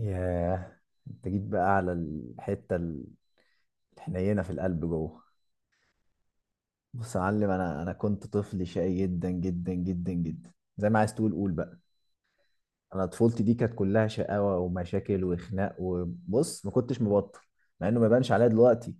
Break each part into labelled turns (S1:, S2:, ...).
S1: ياه، انت جيت بقى على الحتة الحنينة في القلب جوه. بص يا معلم، انا كنت طفل شقي جدا جدا جدا جدا، زي ما عايز تقول قول بقى. انا طفولتي دي كانت كلها شقاوة ومشاكل وخناق، وبص ما كنتش مبطل. مع انه ما يبانش عليا دلوقتي.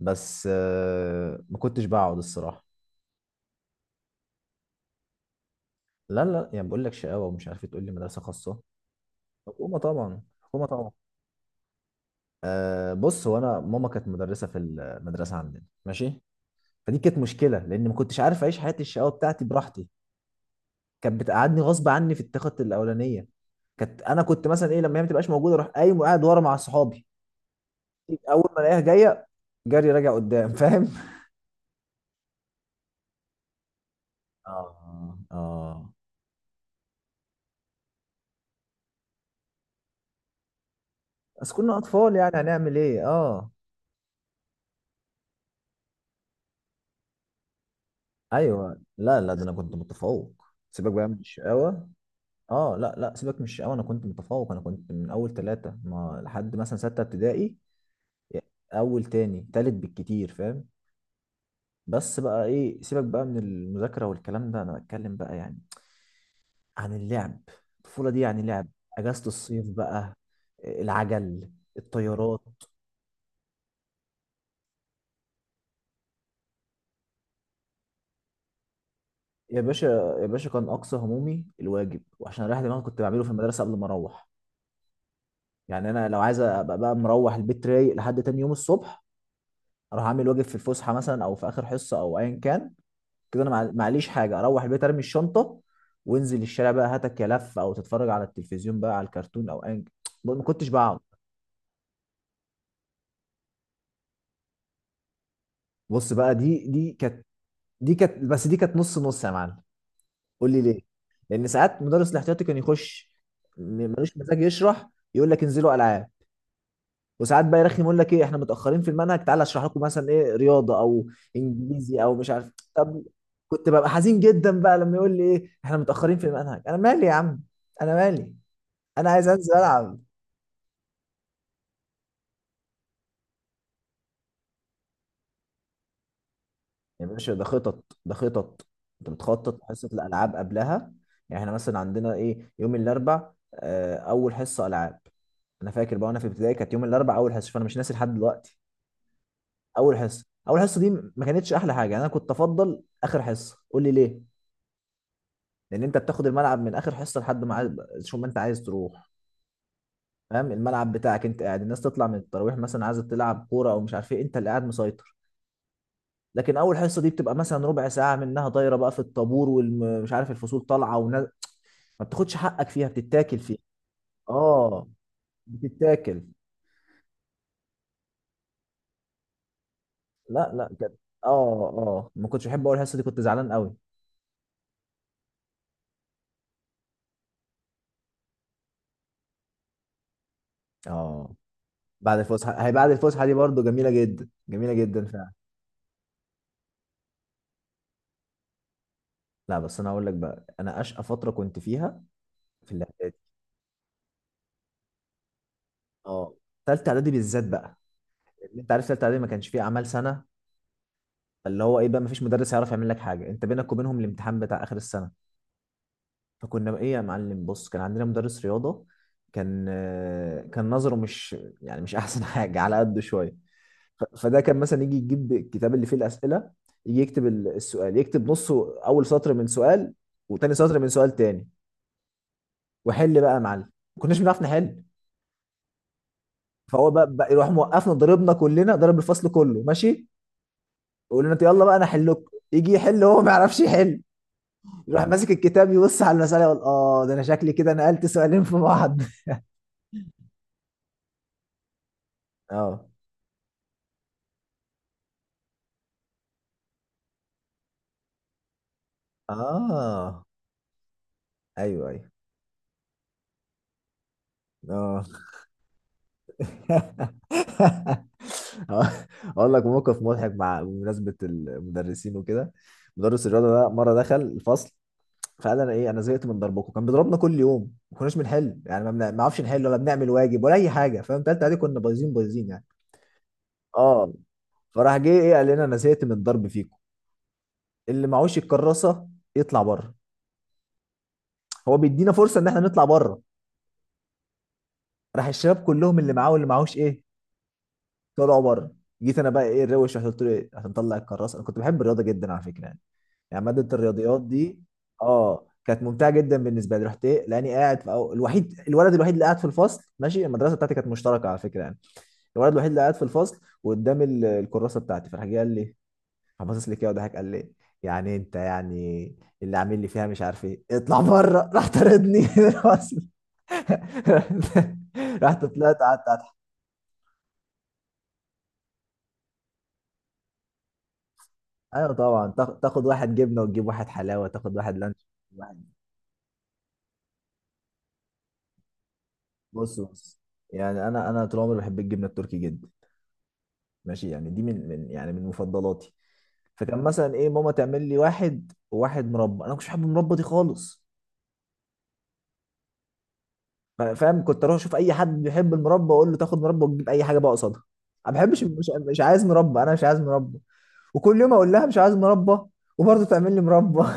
S1: بس ما كنتش بقعد الصراحة. لا، لا، يعني بقول لك شقاوة ومش عارف إيه، تقول لي مدرسة خاصة؟ حكومة طبعا، حكومة طبعا. أه، بص هو انا ماما كانت مدرسة في المدرسة عندنا، ماشي. فدي كانت مشكله، لان ما كنتش عارف اعيش حياتي الشقاوه بتاعتي براحتي. كانت بتقعدني غصب عني في التخت الاولانيه. انا كنت مثلا ايه، لما هي ما تبقاش موجوده اروح قايم وقاعد ورا مع صحابي. اول ما الاقيها جايه، جري راجع قدام. فاهم؟ اه، اه. بس كنا اطفال، يعني هنعمل ايه؟ اه. ايوه، لا، لا، ده انا كنت متفوق. سيبك بقى من الشقاوه. اه، لا، لا، سيبك من الشقاوه، انا كنت متفوق. انا كنت من اول ثلاثه، ما لحد مثلا سته ابتدائي. اول، تاني، تالت بالكتير، فاهم؟ بس بقى ايه، سيبك بقى من المذاكرة والكلام ده، انا بتكلم بقى يعني عن اللعب. الطفولة دي يعني لعب. اجازة الصيف بقى. العجل. الطيارات. يا باشا، يا باشا، كان اقصى همومي الواجب، وعشان اريح دماغي كنت بعمله في المدرسة قبل ما اروح. يعني انا لو عايز ابقى بقى مروح البيت رايق لحد تاني يوم الصبح، اروح اعمل واجب في الفسحة مثلا، او في اخر حصة، او ايا كان. كده انا معليش حاجة، اروح البيت ارمي الشنطة، وانزل الشارع بقى هاتك يا لف، او تتفرج على التلفزيون بقى على الكرتون، او ايا كان. ما كنتش بقعد. بص بقى، دي كانت، دي كانت. بس دي كانت نص نص يا معلم. قول لي ليه. لان ساعات مدرس الاحتياطي كان يخش، م- ملوش مزاج يشرح، يقول لك انزلوا العاب. وساعات بقى يرخم يقول لك ايه احنا متاخرين في المنهج، تعالى اشرح لكم مثلا ايه رياضه او انجليزي او مش عارف، طب. كنت ببقى حزين جدا بقى لما يقول لي ايه احنا متاخرين في المنهج. انا مالي يا عم، انا مالي، انا عايز انزل العب. يا باشا، ده خطط، ده خطط. انت بتخطط حصة الالعاب قبلها. يعني احنا مثلا عندنا ايه يوم الاربع اول حصة العاب. انا فاكر بقى وانا في ابتدائي كانت يوم الاربع اول حصة، فانا مش ناسي لحد دلوقتي. اول حصة، اول حصة دي ما كانتش احلى حاجة. يعني انا كنت افضل اخر حصة. قول لي ليه. لان انت بتاخد الملعب من اخر حصة لحد ما عايز، شو ما انت عايز تروح. فاهم؟ الملعب بتاعك انت قاعد، الناس تطلع من التراويح مثلا عايزه تلعب كوره او مش عارف ايه، انت اللي قاعد مسيطر. لكن اول حصه دي بتبقى مثلا ربع ساعه منها طايره بقى في الطابور ومش عارف الفصول طالعه، ما بتاخدش حقك فيها، بتتاكل فيها. اه، بتتاكل. لا، لا، كده. اه، اه، ما كنتش بحب. اقول الحصه دي كنت زعلان قوي. اه، بعد الفسحه، هي بعد الفسحه دي برضو جميله جدا، جميله جدا فعلا. لا، بس انا هقول لك بقى، انا اشقى فتره كنت فيها في الاعدادي. اه، ثالثه اعدادي بالذات بقى. اللي انت عارف، ثالثه اعدادي ما كانش فيه اعمال سنه، اللي هو ايه بقى، ما فيش مدرس هيعرف يعمل لك حاجه، انت بينك وبينهم الامتحان بتاع اخر السنه. فكنا بقى ايه يا معلم، بص كان عندنا مدرس رياضه، كان نظره مش، يعني مش احسن حاجه، على قده شويه. فده كان مثلا يجي يجيب الكتاب اللي فيه الاسئله، يجي يكتب السؤال، يكتب نصه اول سطر من سؤال وتاني سطر من سؤال تاني، وحل بقى يا معلم. ما كناش بنعرف نحل. فهو بقى يروح موقفنا ضربنا كلنا، ضرب الفصل كله، ماشي. يقول لنا يلا بقى انا احل لكم، يجي يحل، هو ما يعرفش يحل. يروح ماسك الكتاب يبص على المساله يقول اه ده انا شكلي كده نقلت سؤالين في بعض. اه، اه، ايوه، ايوه، اه. اقول لك موقف مضحك، مع بمناسبه المدرسين وكده. مدرس الرياضه ده مره دخل الفصل، فقال انا ايه، انا زهقت من ضربكم. كان بيضربنا كل يوم، ما كناش بنحل، يعني ما نعرفش نحل ولا بنعمل واجب ولا اي حاجه، فاهم؟ تالتة عادي كنا بايظين بايظين يعني. اه، فراح جه ايه قال لنا انا زهقت من الضرب فيكم، اللي معهوش الكراسه يطلع بره. هو بيدينا فرصه ان احنا نطلع بره. راح الشباب كلهم اللي معاه واللي معهوش ايه طلعوا بره. جيت انا بقى ايه الروش، رحت قلت له ايه عشان اطلع الكراسه، انا كنت بحب الرياضه جدا على فكره يعني، يعني ماده الرياضيات دي اه كانت ممتعه جدا بالنسبه لي. رحت ايه، لاني قاعد في الوحيد، الولد الوحيد اللي قاعد في الفصل، ماشي المدرسه بتاعتي كانت مشتركه على فكره يعني. الولد الوحيد اللي قاعد في الفصل وقدام الكراسه بتاعتي، فراح جه قال لي، فباصص لي كده وضحك قال لي، يعني انت يعني اللي عامل لي فيها مش عارف ايه، اطلع بره، راح طردني من الفصل. رحت طلعت قعدت. ايوه طبعا، تاخد واحد جبنه وتجيب واحد حلاوه، تاخد واحد لانش واحد. بص، بص. يعني انا طول عمري بحب الجبنه التركي جدا، ماشي. يعني دي من يعني من مفضلاتي. فكان مثلا ايه ماما تعمل لي واحد وواحد مربى، انا مش بحب المربى دي خالص. فاهم؟ كنت اروح اشوف اي حد بيحب المربى اقول له تاخد مربى وتجيب اي حاجه بقى قصادها. انا ما بحبش، مش عايز مربى، انا مش عايز مربى. وكل يوم اقول لها مش عايز مربى، وبرضه تعمل لي مربى.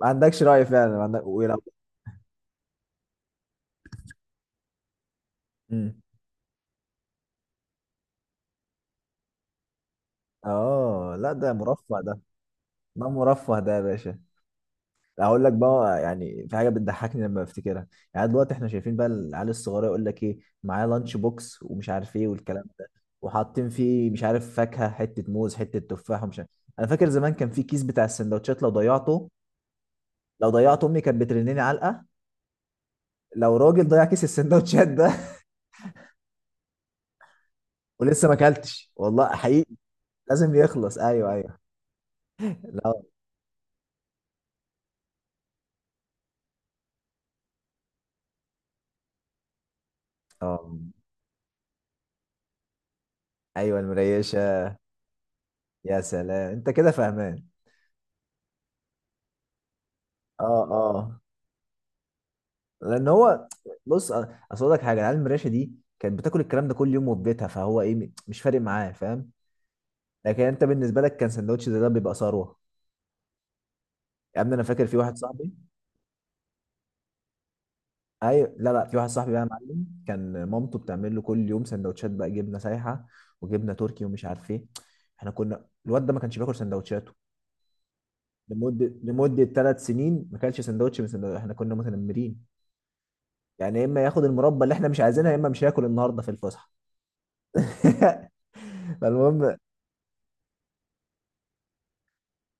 S1: ما عندكش راي فعلا، ما عندك ولو. مم. اه، لا، ده مرفه ده. ما مرفه ده يا باشا. اقول لك بقى يعني في حاجه بتضحكني لما بفتكرها. يعني دلوقتي احنا شايفين بقى العيال الصغيره يقول لك ايه معاه لانش بوكس ومش عارف ايه والكلام ده، وحاطين فيه مش عارف فاكهه، حته موز، حته تفاح، ومش عارف. انا فاكر زمان كان في كيس بتاع السندوتشات لو ضيعته، لو ضيعته امي كانت بترنني علقه. لو راجل ضيع كيس السندوتشات ده! ولسه ما اكلتش، والله حقيقي. لازم يخلص. ايوه، ايوه. لا. اه، ايوه المريشه. يا سلام، انت كده فاهمان. اه، اه. لان هو، بص. اصل اقول لك حاجه، العيال المراشة دي كانت بتاكل الكلام ده كل يوم وفي بيتها، فهو ايه مش فارق معاه، فاهم؟ لكن انت بالنسبه لك كان سندوتش زي ده بيبقى ثروه. يا ابني، انا فاكر في واحد صاحبي. ايوه، لا، لا، في واحد صاحبي بقى يا معلم، كان مامته بتعمل له كل يوم سندوتشات بقى جبنه سايحه وجبنه تركي ومش عارف ايه. احنا كنا، الواد ده ما كانش بياكل سندوتشاته لمده 3 سنين. ما كانش سندوتش من سندوتش، احنا كنا متنمرين. يعني يا اما ياخد المربى اللي احنا مش عايزينها، يا اما مش هياكل النهارده في الفسحه. فالمهم.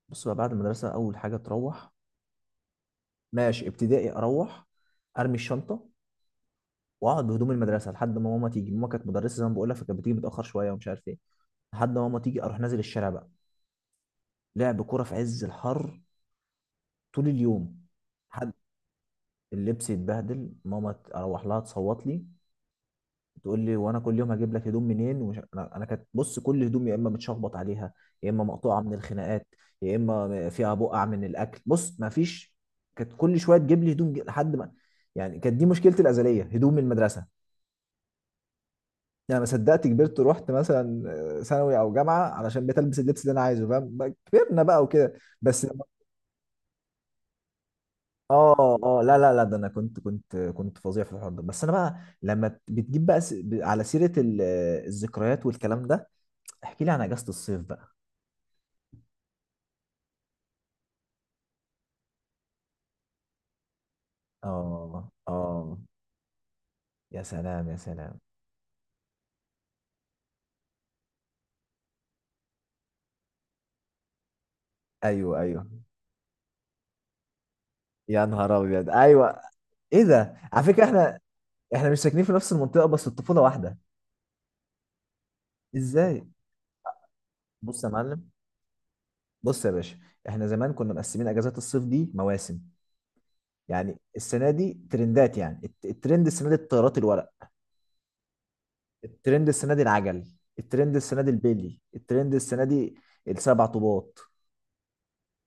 S1: بص بقى بعد المدرسة، أول حاجة تروح. ماشي ابتدائي، أروح أرمي الشنطة وأقعد بهدوم المدرسة لحد ما ماما تيجي. ماما كانت مدرسة زي ما بقول لك، فكانت بتيجي متأخر شوية ومش عارف إيه. لحد ما ماما تيجي أروح نازل الشارع بقى، لعب كورة في عز الحر، طول اليوم. لحد اللبس يتبهدل، ماما أروح لها تصوت لي، تقول لي وانا كل يوم هجيب لك هدوم منين ومش. انا كانت، بص، كل هدوم يا اما متشخبط عليها، يا اما مقطوعه من الخناقات، يا اما فيها بقع من الاكل، بص ما فيش. كانت كل شويه تجيب لي هدوم لحد ما، يعني كانت دي مشكلتي الازليه، هدوم من المدرسه. يعني ما صدقت كبرت ورحت مثلا ثانوي او جامعه، علشان بقيت البس اللبس اللي انا عايزه، فاهم؟ بقى كبرنا بقى وكده. بس. اه، اه، لا، لا، لا، ده انا كنت فظيع في الحوار ده، بس انا بقى لما بتجيب بقى على سيره الذكريات والكلام ده، احكي لي عن اجازة الصيف بقى. اه، اه. يا سلام، يا سلام. ايوه، ايوه. يا نهار ابيض، ايوه. ايه ده، على فكرة احنا، احنا مش ساكنين في نفس المنطقة بس الطفولة واحدة. ازاي؟ بص يا معلم، بص يا باشا، احنا زمان كنا مقسمين اجازات الصيف دي مواسم. يعني السنة دي ترندات، يعني الترند السنة دي الطيارات الورق، الترند السنة دي العجل، الترند السنة دي البيلي، الترند السنة دي السبع طوبات.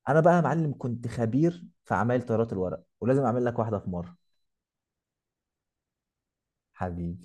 S1: انا بقى يا معلم كنت خبير في عمايل طيارات الورق، ولازم اعمل لك واحدة في مرة. حبيبي.